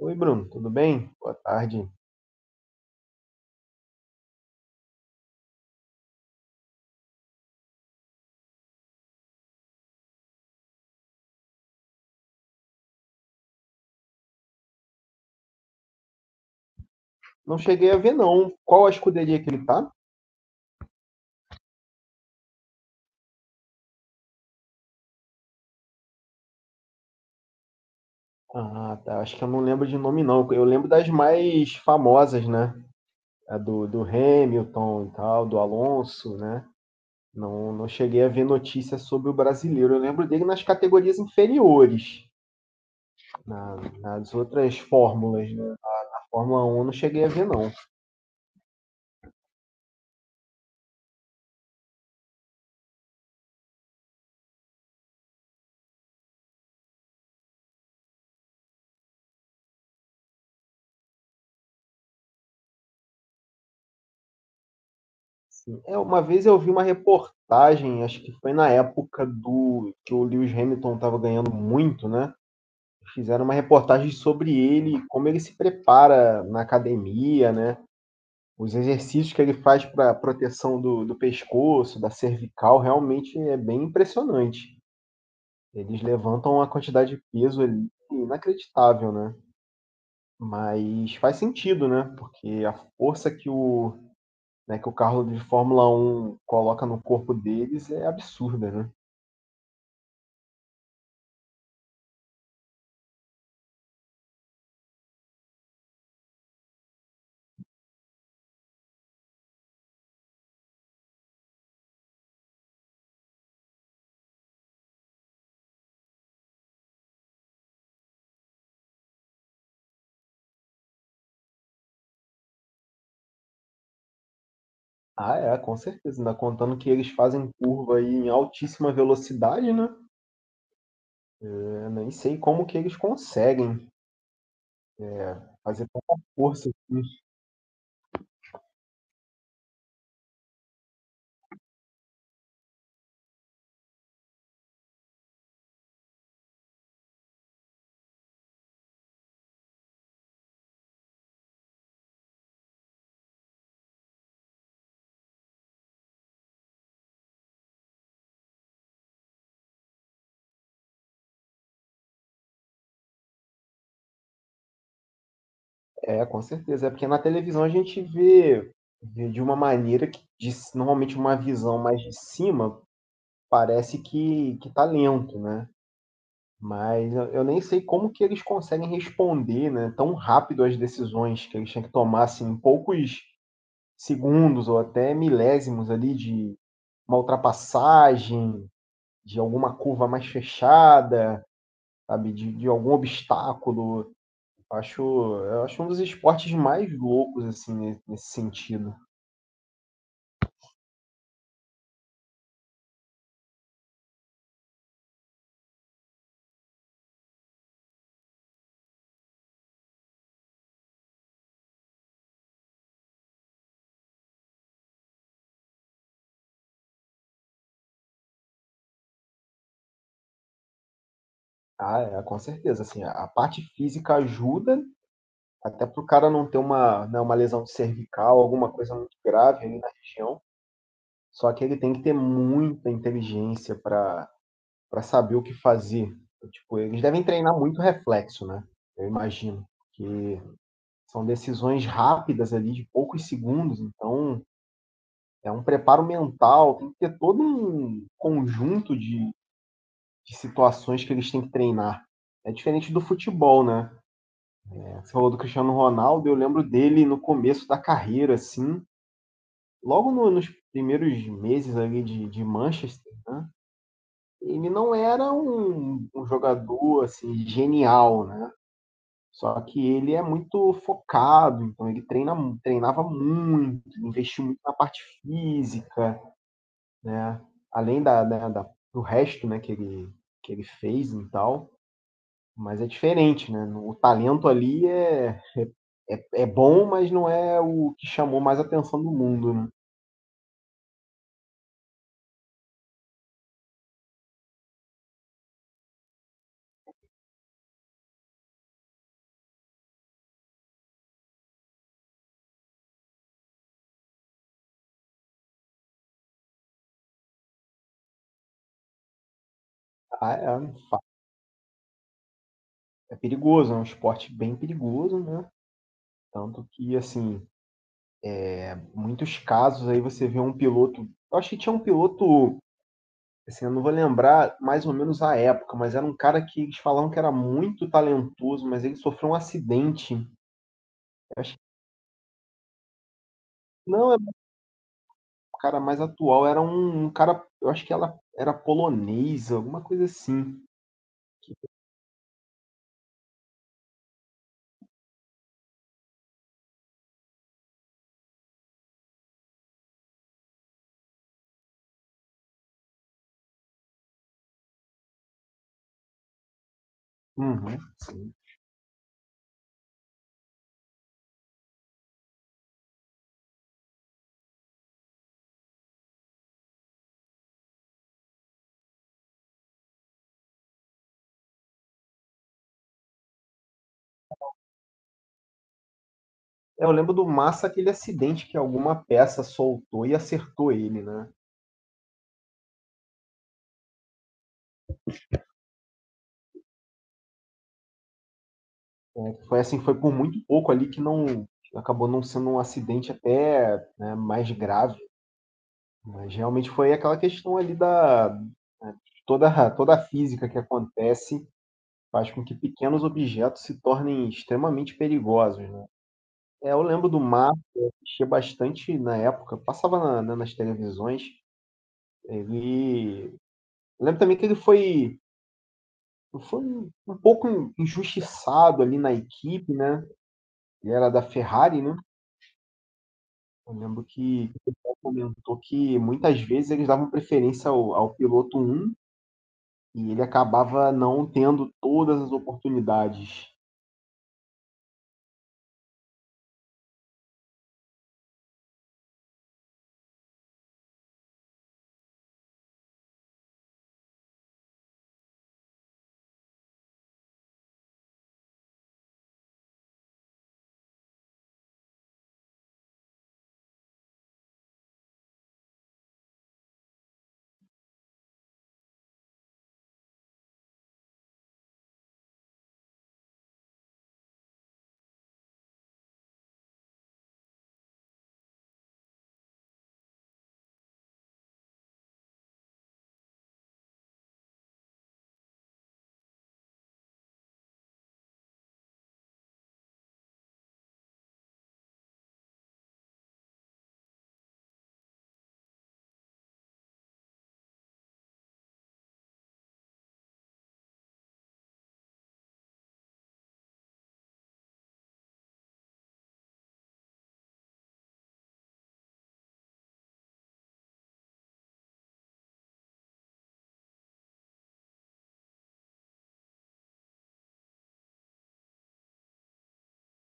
Oi, Bruno, tudo bem? Boa tarde. Não cheguei a ver, não. Qual a escuderia que ele tá? Ah, tá. Acho que eu não lembro de nome, não. Eu lembro das mais famosas, né? A do Hamilton e tal, do Alonso, né? Não, não cheguei a ver notícias sobre o brasileiro. Eu lembro dele nas categorias inferiores, nas outras fórmulas, né? A Fórmula um eu não cheguei a ver, não. Sim. É, uma vez eu vi uma reportagem, acho que foi na época do que o Lewis Hamilton estava ganhando muito, né? Fizeram uma reportagem sobre ele, como ele se prepara na academia, né? Os exercícios que ele faz para proteção do pescoço, da cervical, realmente é bem impressionante. Eles levantam uma quantidade de peso ali inacreditável, né? Mas faz sentido, né? Porque a força né, que o carro de Fórmula Um coloca no corpo deles é absurda, né? Ah, é, com certeza. Ainda contando que eles fazem curva aí em altíssima velocidade, né? Eu nem sei como que eles conseguem é, fazer tanta força. É, com certeza. É porque na televisão a gente vê de uma maneira normalmente, uma visão mais de cima parece que tá lento, né? Mas eu nem sei como que eles conseguem responder, né, tão rápido às decisões que eles têm que tomar, assim, em poucos segundos ou até milésimos ali de uma ultrapassagem, de alguma curva mais fechada, sabe, de algum obstáculo. Acho Eu acho um dos esportes mais loucos, assim, ne nesse sentido. Ah, é, com certeza, assim, a parte física ajuda, até pro cara não ter uma, né, uma lesão cervical, alguma coisa muito grave ali na região, só que ele tem que ter muita inteligência para saber o que fazer. Tipo, eles devem treinar muito reflexo, né, eu imagino, que são decisões rápidas ali de poucos segundos, então é um preparo mental, tem que ter todo um conjunto de situações que eles têm que treinar. É diferente do futebol, né? Você falou do Cristiano Ronaldo, eu lembro dele no começo da carreira, assim, logo no, nos primeiros meses ali de Manchester, né? Ele não era um jogador, assim, genial, né? Só que ele é muito focado, então ele treinava muito, investiu muito na parte física, né? Além da, da, da do resto, né, que ele fez e tal. Mas é diferente, né, o talento ali é bom, mas não é o que chamou mais atenção do mundo, né. Ah, é, é perigoso, é um esporte bem perigoso, né, tanto que, assim, muitos casos aí você vê um piloto eu acho que tinha um piloto, assim, eu não vou lembrar mais ou menos a época, mas era um cara que eles falavam que era muito talentoso, mas ele sofreu um acidente, eu acho que não, é um cara mais atual, era um cara, eu acho que ela era polonesa, alguma coisa assim. Uhum, sim. É, eu lembro do Massa, aquele acidente que alguma peça soltou e acertou ele, né? Foi assim, foi por muito pouco ali que não acabou não sendo um acidente até né, mais grave. Mas realmente foi aquela questão ali da né, toda a física que acontece faz com que pequenos objetos se tornem extremamente perigosos, né? É, eu lembro do Massa, eu assistia bastante na época, passava nas televisões, ele... Eu lembro também que ele foi um pouco injustiçado ali na equipe, né? Ele era da Ferrari, né? Eu lembro que o pessoal comentou que muitas vezes eles davam preferência ao piloto um e ele acabava não tendo todas as oportunidades.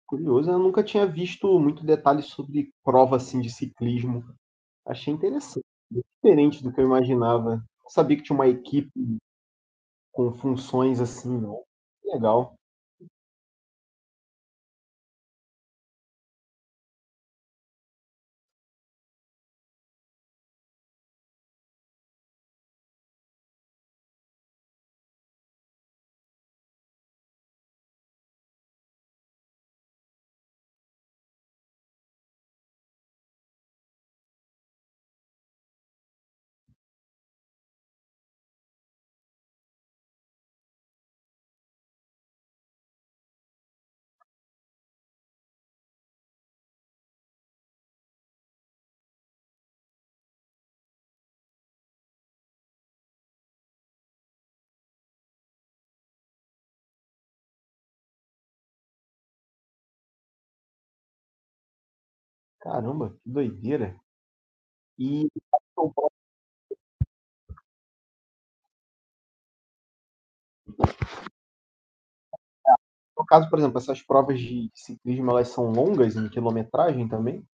Curioso, eu nunca tinha visto muito detalhe sobre prova assim de ciclismo. Achei interessante, diferente do que eu imaginava. Não sabia que tinha uma equipe com funções assim, não. Legal. Caramba, que doideira. E No caso, por exemplo, essas provas de ciclismo, elas são longas em quilometragem também?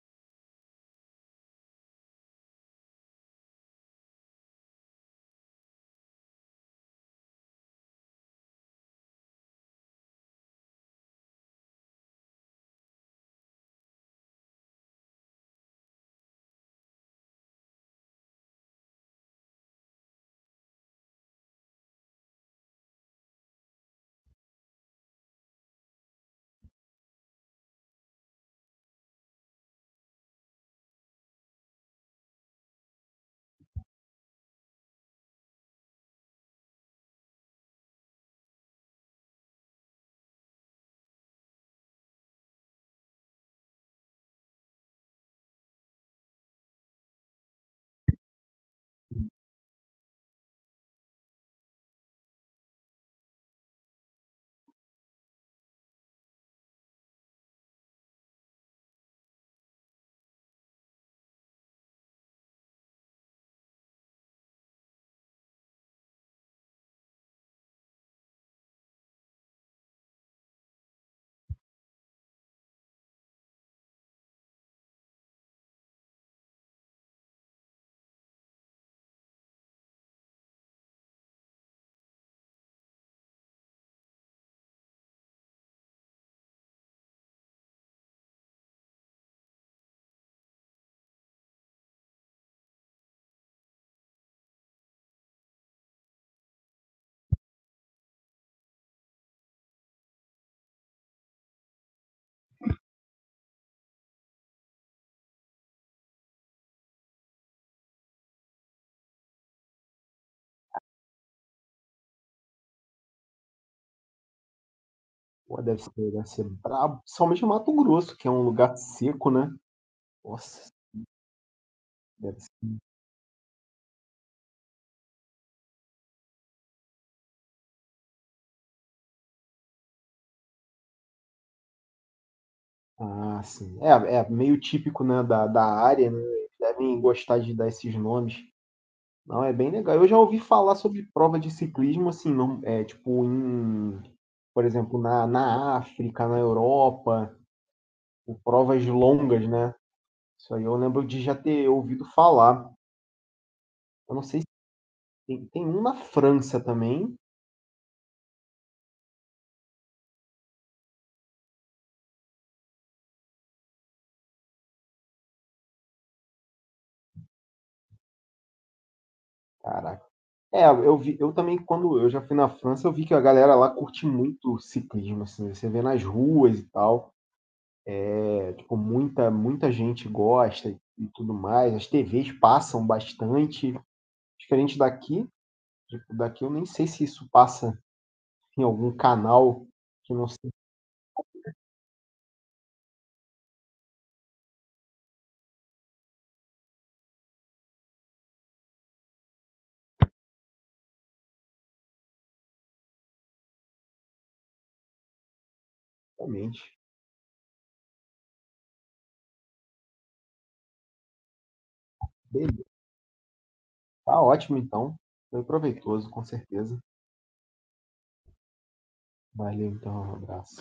Pô, deve ser brabo. Principalmente Mato Grosso, que é um lugar seco, né? Nossa, deve ser. Ah, sim. É, é meio típico, né, da área, né? Eles devem gostar de dar esses nomes. Não, é bem legal. Eu já ouvi falar sobre prova de ciclismo, assim, não, é, tipo, em, por exemplo, na África, na Europa, com provas longas, né? Isso aí eu lembro de já ter ouvido falar. Eu não sei. Tem, tem um na França também. Caraca. É, eu vi, eu também, quando eu já fui na França, eu vi que a galera lá curte muito ciclismo, assim, você vê nas ruas e tal. É, tipo, muita gente gosta e tudo mais. As TVs passam bastante, diferente daqui. Tipo, daqui eu nem sei se isso passa em algum canal que não sei realmente. Beleza, tá ótimo então. Foi proveitoso, com certeza. Valeu então, um abraço.